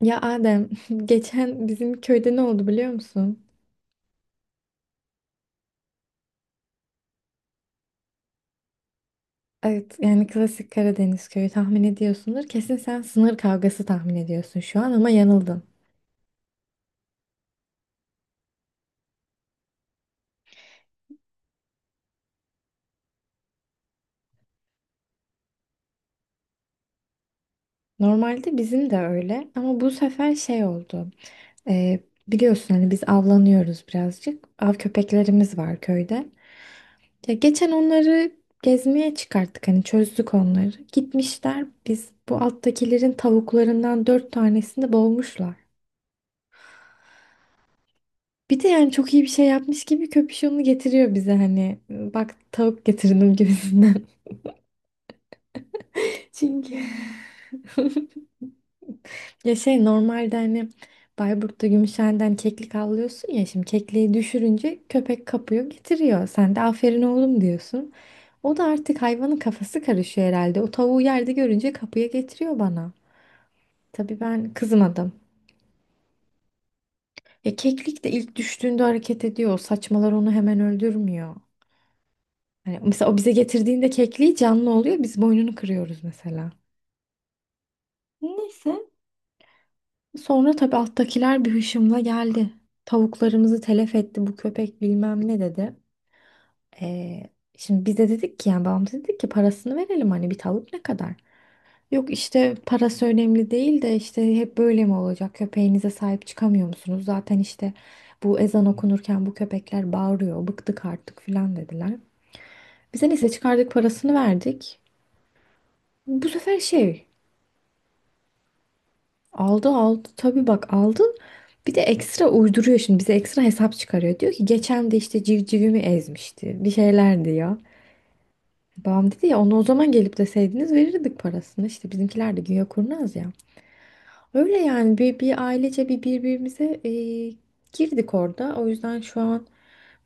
Ya Adem, geçen bizim köyde ne oldu biliyor musun? Evet, yani klasik Karadeniz köyü tahmin ediyorsundur. Kesin sen sınır kavgası tahmin ediyorsun şu an ama yanıldın. Normalde bizim de öyle ama bu sefer şey oldu. Ee, Biliyorsun hani biz avlanıyoruz birazcık. Av köpeklerimiz var köyde. Ya geçen onları gezmeye çıkarttık hani çözdük onları. Gitmişler biz bu alttakilerin tavuklarından dört tanesini boğmuşlar. Bir de yani çok iyi bir şey yapmış gibi köpüşonunu getiriyor bize hani. Bak tavuk getirdim gibisinden. Çünkü ya şey normalde hani Bayburt'ta Gümüşhane'den keklik avlıyorsun ya şimdi kekliği düşürünce köpek kapıyor getiriyor. Sen de aferin oğlum diyorsun. O da artık hayvanın kafası karışıyor herhalde. O tavuğu yerde görünce kapıya getiriyor bana. Tabii ben kızmadım. Ya keklik de ilk düştüğünde hareket ediyor. O saçmalar onu hemen öldürmüyor. Hani mesela o bize getirdiğinde kekliği canlı oluyor. Biz boynunu kırıyoruz mesela. Neyse. Sonra tabii alttakiler bir hışımla geldi. Tavuklarımızı telef etti bu köpek bilmem ne dedi. Ee, Şimdi biz de dedik ki yani babam dedi ki parasını verelim hani bir tavuk ne kadar? Yok işte parası önemli değil de işte hep böyle mi olacak? Köpeğinize sahip çıkamıyor musunuz? Zaten işte bu ezan okunurken bu köpekler bağırıyor. Bıktık artık filan dediler. Bize neyse çıkardık parasını verdik. Bu sefer şey aldı aldı tabii bak aldın. Bir de ekstra uyduruyor şimdi bize ekstra hesap çıkarıyor. Diyor ki geçen de işte civcivimi ezmişti. Bir şeyler diyor. Babam dedi ya onu o zaman gelip deseydiniz verirdik parasını. İşte bizimkiler de güya kurnaz ya. Öyle yani bir ailece bir birbirimize girdik orada. O yüzden şu an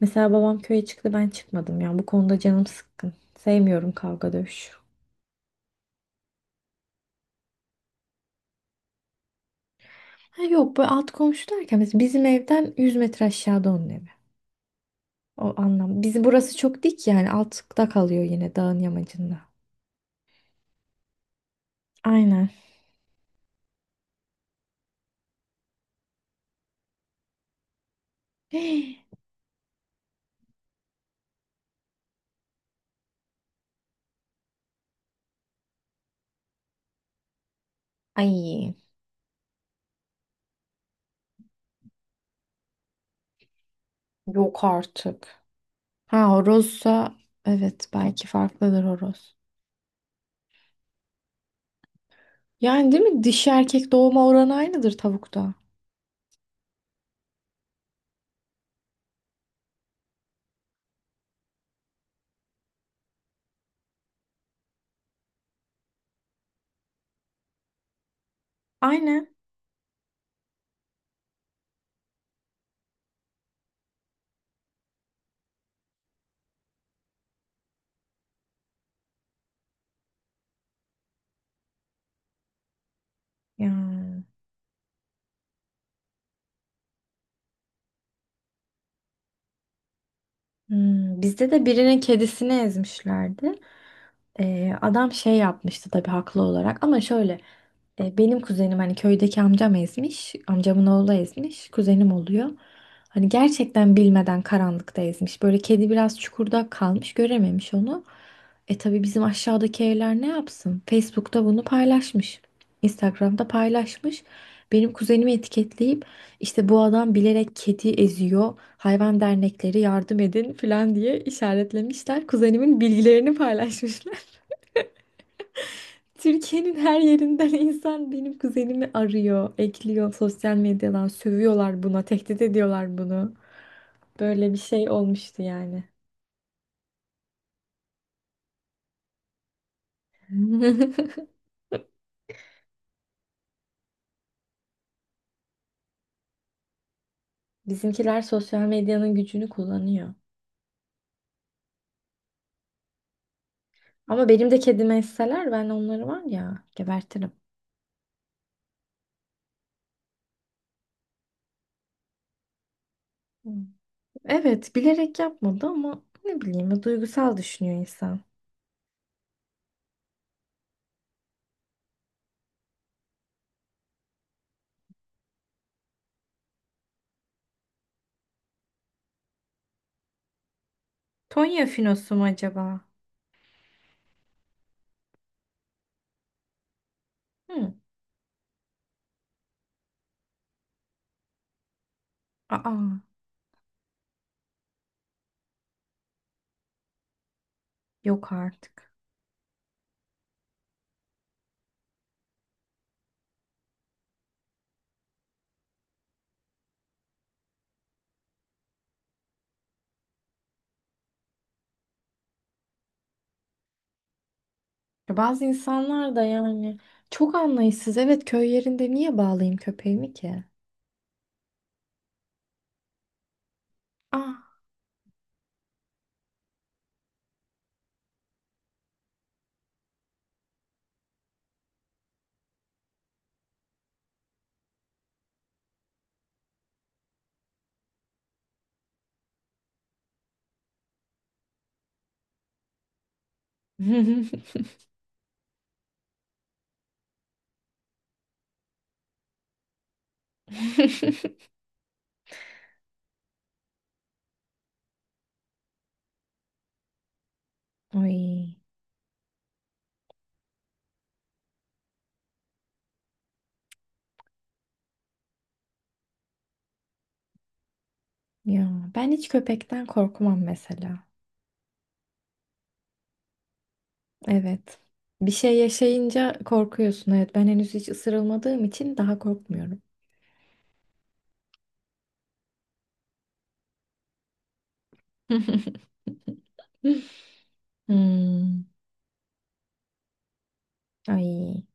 mesela babam köye çıktı ben çıkmadım. Yani bu konuda canım sıkkın. Sevmiyorum kavga dövüş. Ha yok bu alt komşu derken mesela bizim evden 100 metre aşağıda onun evi. O anlam. Bizi burası çok dik yani altta kalıyor yine dağın yamacında. Aynen. Ay yok artık. Ha horozsa evet belki farklıdır horoz. Yani değil mi? Dişi erkek doğma oranı aynıdır tavukta. Aynen. Ya. Hmm, bizde de birinin kedisini ezmişlerdi. Adam şey yapmıştı tabii haklı olarak ama şöyle benim kuzenim hani köydeki amcam ezmiş. Amcamın oğlu ezmiş. Kuzenim oluyor. Hani gerçekten bilmeden karanlıkta ezmiş. Böyle kedi biraz çukurda kalmış görememiş onu. E tabii bizim aşağıdaki evler ne yapsın? Facebook'ta bunu paylaşmış. Instagram'da paylaşmış. Benim kuzenimi etiketleyip işte bu adam bilerek kedi eziyor. Hayvan dernekleri yardım edin falan diye işaretlemişler. Kuzenimin bilgilerini paylaşmışlar. Türkiye'nin her yerinden insan benim kuzenimi arıyor, ekliyor sosyal medyadan. Sövüyorlar buna, tehdit ediyorlar bunu. Böyle bir şey olmuştu yani. Bizimkiler sosyal medyanın gücünü kullanıyor. Ama benim de kedime esseler ben onları var ya gebertirim. Hmm. Evet bilerek yapmadı ama ne bileyim duygusal düşünüyor insan. Tonya finosu mu acaba? Hı. Aa, yok artık. Ya bazı insanlar da yani çok anlayışsız. Evet köy yerinde niye bağlayayım köpeğimi ki? Aa. Ay ya ben hiç köpekten korkmam mesela. Evet. Bir şey yaşayınca korkuyorsun. Evet ben henüz hiç ısırılmadığım için daha korkmuyorum. Hmm. Ay.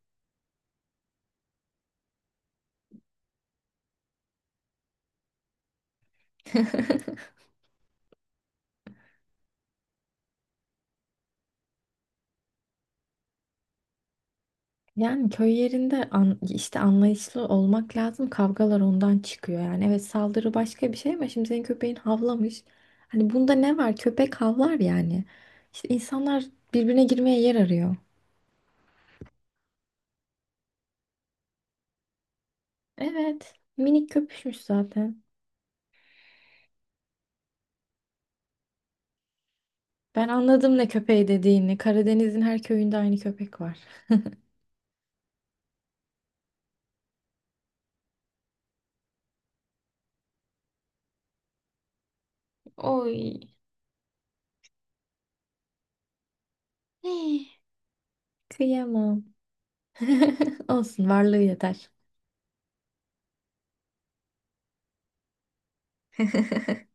Yani köy yerinde an- işte anlayışlı olmak lazım. Kavgalar ondan çıkıyor yani. Evet saldırı başka bir şey ama şimdi senin köpeğin havlamış. Hani bunda ne var? Köpek havlar yani. İşte insanlar birbirine girmeye yer arıyor. Evet. Minik köpüşmüş zaten. Ben anladım ne köpeği dediğini. Karadeniz'in her köyünde aynı köpek var. Oy. Eh. Kıyamam. Olsun varlığı yeter.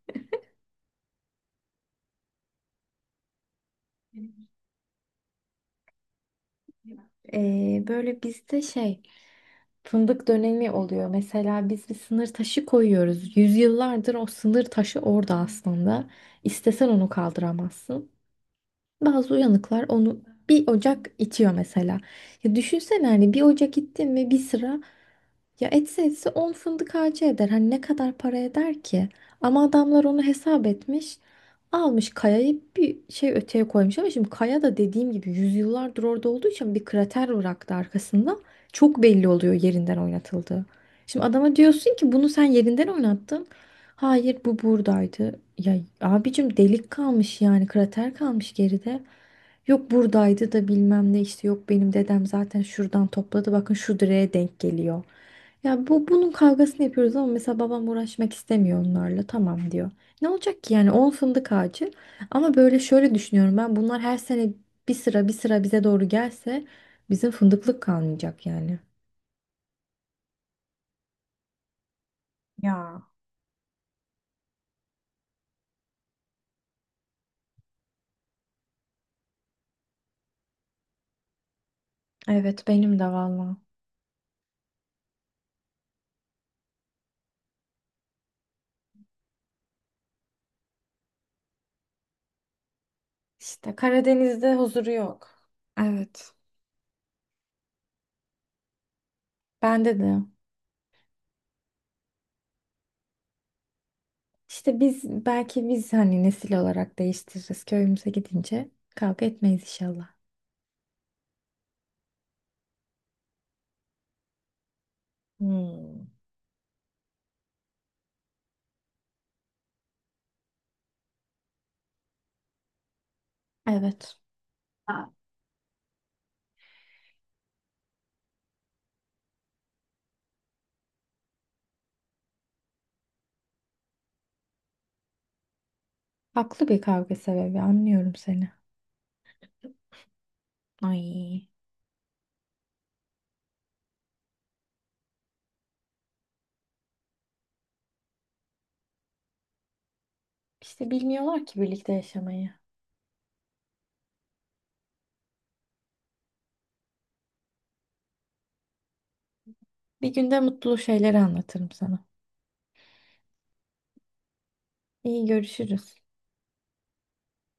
Böyle bizde şey fındık dönemi oluyor. Mesela biz bir sınır taşı koyuyoruz. Yüzyıllardır o sınır taşı orada aslında. İstesen onu kaldıramazsın. Bazı uyanıklar onu bir ocak itiyor mesela. Ya düşünsene hani bir ocak ittin ve bir sıra ya etse etse 10 fındık ağacı eder. Hani ne kadar para eder ki? Ama adamlar onu hesap etmiş. Almış kayayı bir şey öteye koymuş ama şimdi kaya da dediğim gibi yüzyıllardır orada olduğu için bir krater bıraktı arkasında. Çok belli oluyor yerinden oynatıldığı. Şimdi adama diyorsun ki bunu sen yerinden oynattın. Hayır bu buradaydı. Ya abicim delik kalmış yani krater kalmış geride. Yok buradaydı da bilmem ne işte yok benim dedem zaten şuradan topladı bakın şu direğe denk geliyor. Ya bu bunun kavgasını yapıyoruz ama mesela babam uğraşmak istemiyor onlarla tamam diyor. Ne olacak ki yani 10 fındık ağacı ama böyle şöyle düşünüyorum ben bunlar her sene bir sıra bir sıra bize doğru gelse bizim fındıklık kalmayacak yani. Ya evet benim de valla. İşte Karadeniz'de huzuru yok. Evet. Bende de. İşte biz belki biz hani nesil olarak değiştiririz. Köyümüze gidince kavga etmeyiz inşallah. Hmm. Evet. Haklı bir kavga sebebi anlıyorum seni. Ay. İşte bilmiyorlar ki birlikte yaşamayı. Bir günde mutlu şeyleri anlatırım sana. İyi görüşürüz.